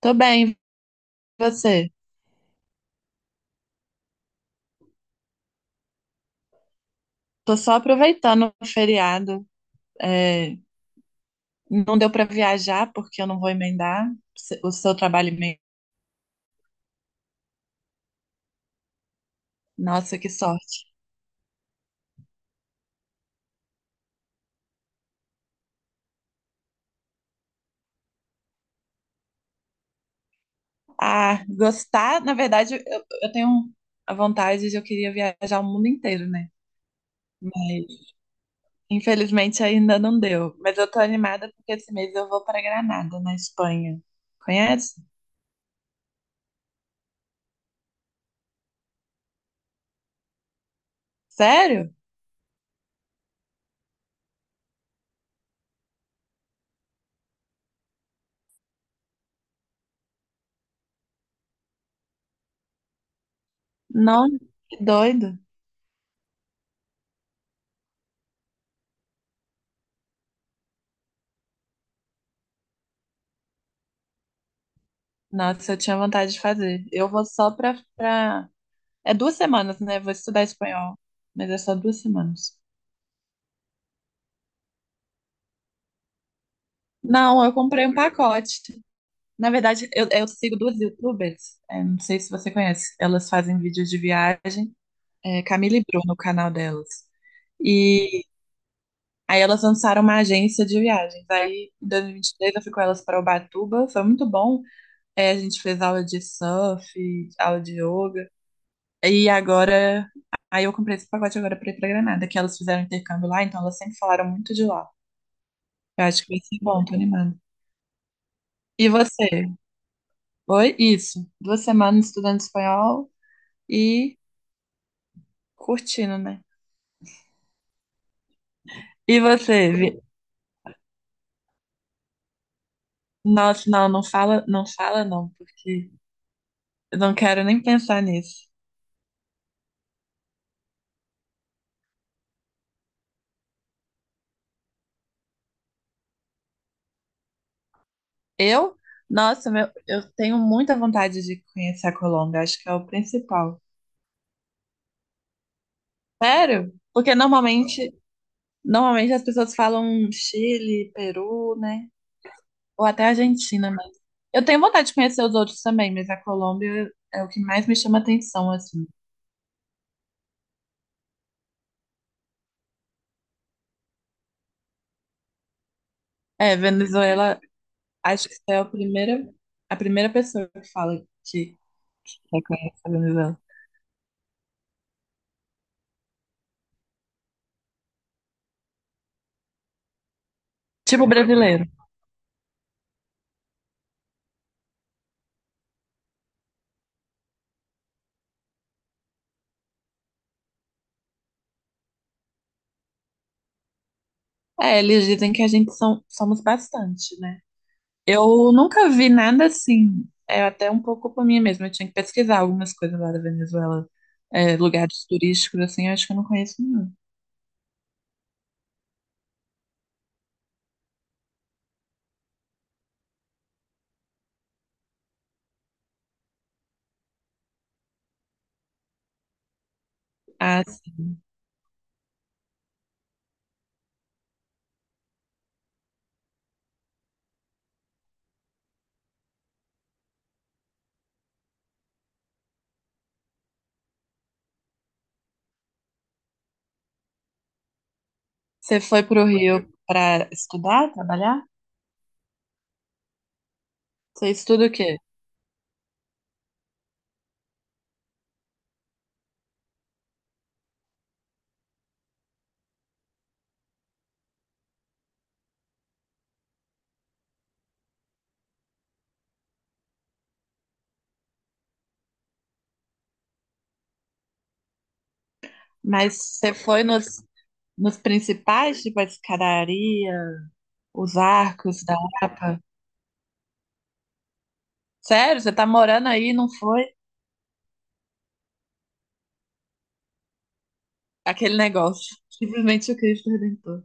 Tô bem, e você? Tô só aproveitando o feriado. É, não deu pra viajar porque eu não vou emendar o seu trabalho. Emenda. Nossa, que sorte. Ah, gostar, na verdade, eu tenho a vontade de eu queria viajar o mundo inteiro, né? Mas infelizmente ainda não deu. Mas eu tô animada porque esse mês eu vou pra Granada, na Espanha. Conhece? Sério? Não, que doido. Nossa, eu tinha vontade de fazer. Eu vou só pra. É 2 semanas, né? Vou estudar espanhol, mas é só 2 semanas. Não, eu comprei um pacote. Na verdade, eu sigo duas YouTubers. É, não sei se você conhece. Elas fazem vídeos de viagem. É, Camila e Bruno, o canal delas. E aí elas lançaram uma agência de viagens. Aí, em 2023, eu fui com elas para Ubatuba. Foi muito bom. É, a gente fez aula de surf, aula de yoga. E agora, aí eu comprei esse pacote agora para ir para Granada, que elas fizeram intercâmbio lá, então elas sempre falaram muito de lá. Eu acho que vai ser bom, tô animada. E você? Oi? Isso. 2 semanas estudando espanhol e curtindo, né? E você? Nossa, não, não fala, não fala não, porque eu não quero nem pensar nisso. Eu? Nossa, meu, eu tenho muita vontade de conhecer a Colômbia, acho que é o principal. Sério? Porque normalmente as pessoas falam Chile, Peru, né? Ou até a Argentina, mas. Eu tenho vontade de conhecer os outros também, mas a Colômbia é o que mais me chama atenção, assim. É, Venezuela, acho que você é a primeira pessoa que fala que reconhece a Venezuela. Tipo brasileiro. É, eles dizem que a gente são, somos bastante, né? Eu nunca vi nada assim. É até um pouco por mim mesma. Eu tinha que pesquisar algumas coisas lá da Venezuela. É, lugares turísticos, assim, eu acho que eu não conheço nenhum. Ah, sim. Você foi pro Rio para estudar, trabalhar? Você estuda o quê? Mas você foi nos principais, tipo a escadaria, os arcos da Lapa? Sério? Você tá morando aí e não foi? Aquele negócio. Simplesmente o Cristo Redentor.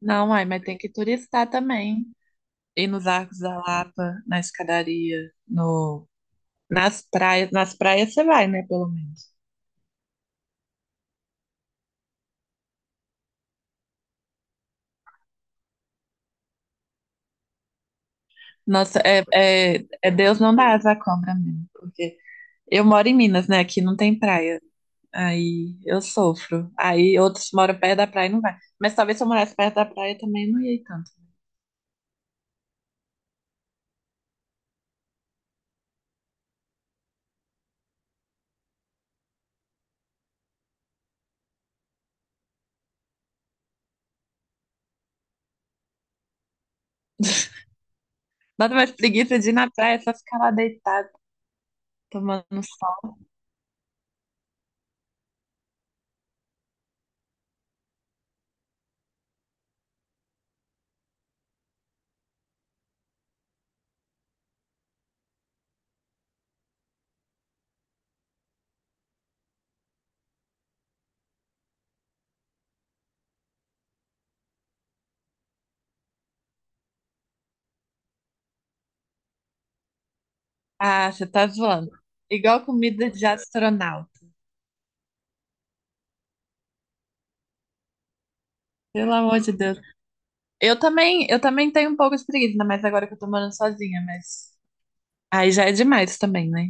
Não, uai, mas tem que turistar também. Ir nos arcos da Lapa, na escadaria, no, nas praias. Nas praias você vai, né, pelo menos. Nossa, Deus não dá asa à cobra mesmo, porque eu moro em Minas, né? Aqui não tem praia. Aí eu sofro. Aí outros moram perto da praia e não vai. Mas talvez se eu morasse perto da praia também não ia ir tanto. Nada mais preguiça de ir na praia, é só ficar lá deitado, tomando. Ah, você tá zoando. Igual comida de astronauta. Pelo amor de Deus. Eu também tenho um pouco de preguiça, ainda mais agora que eu tô morando sozinha, mas aí já é demais também, né?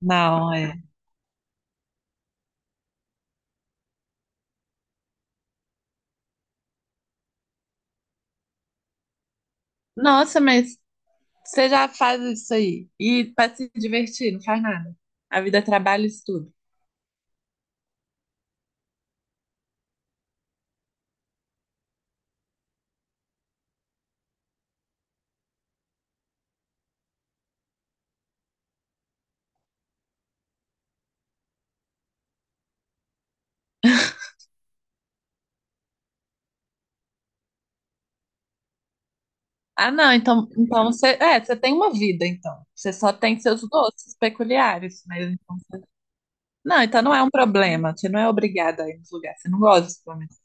Não, é. Nossa, mas você já faz isso aí. E pra se divertir, não faz nada. A vida é trabalho e estudo. Ah, não, então você, você tem uma vida, então. Você só tem seus doces peculiares, mas então Não, então não é um problema. Você não é obrigada a ir nos lugares. Você não gosta, pelo menos.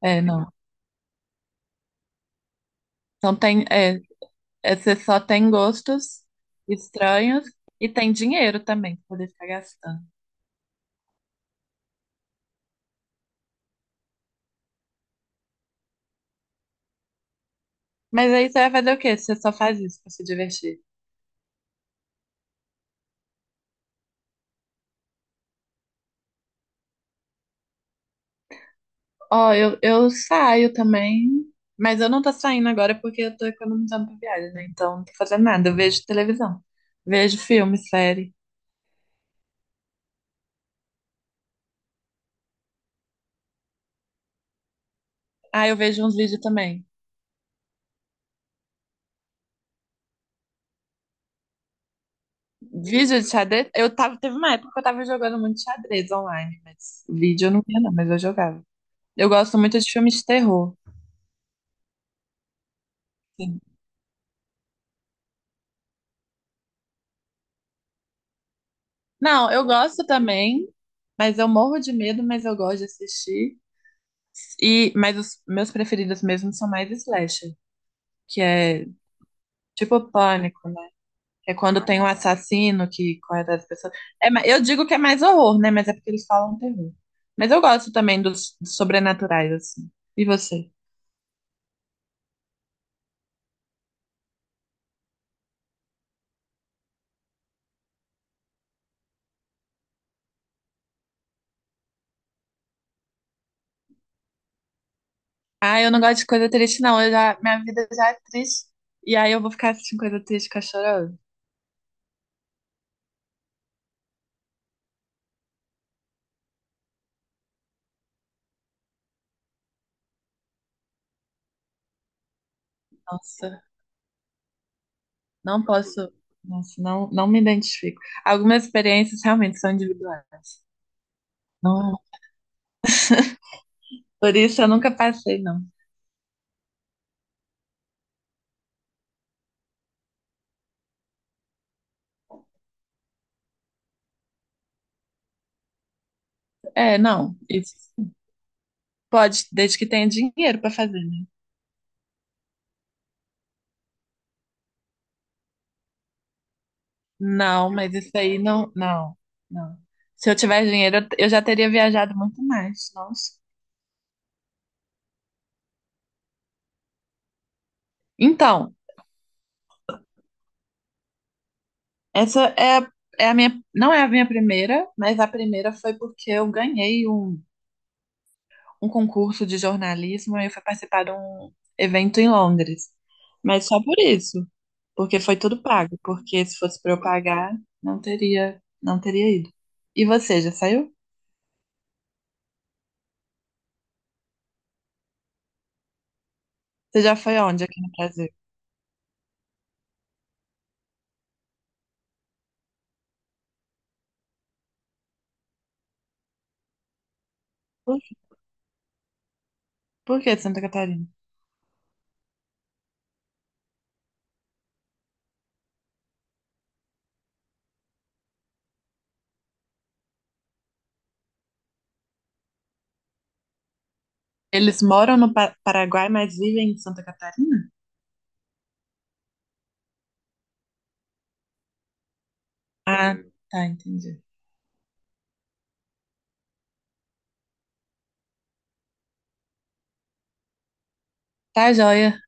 É, não. Então tem, você só tem gostos estranhos e tem dinheiro também pra poder ficar gastando. Mas aí você vai fazer o quê? Você só faz isso pra se divertir. Ó, eu saio também, mas eu não tô saindo agora porque eu tô economizando pra viagem, né? Então não tô fazendo nada. Eu vejo televisão, vejo filme, série. Ah, eu vejo uns vídeos também. Vídeo de xadrez? Eu tava, teve uma época que eu tava jogando muito xadrez online, mas vídeo eu não via, não, mas eu jogava. Eu gosto muito de filmes de terror. Sim. Não, eu gosto também, mas eu morro de medo, mas eu gosto de assistir. E, mas os meus preferidos mesmo são mais slasher, que é tipo pânico, né? Que é quando tem um assassino que corre atrás das pessoas. É, eu digo que é mais horror, né? Mas é porque eles falam terror. Mas eu gosto também dos sobrenaturais, assim. E você? Ah, eu não gosto de coisa triste, não. Eu já, minha vida já é triste. E aí eu vou ficar assistindo coisa triste, ficar chorando. Nossa, não posso. Nossa, não, não me identifico. Algumas experiências realmente são individuais. Não, por isso eu nunca passei, não. É, não. Isso pode, desde que tenha dinheiro para fazer, né? Não, mas isso aí não, não, não. Se eu tivesse dinheiro, eu já teria viajado muito mais. Nossa. Então. Essa é, é a minha, não é a minha primeira, mas a primeira foi porque eu ganhei um concurso de jornalismo e eu fui participar de um evento em Londres. Mas só por isso, porque foi tudo pago, porque se fosse para eu pagar, não teria ido. E você, já saiu? Você já foi aonde aqui no Brasil? Por, por que Santa Catarina? Eles moram no Paraguai, mas vivem em Santa Catarina? Ah, tá, entendi. Tá, joia.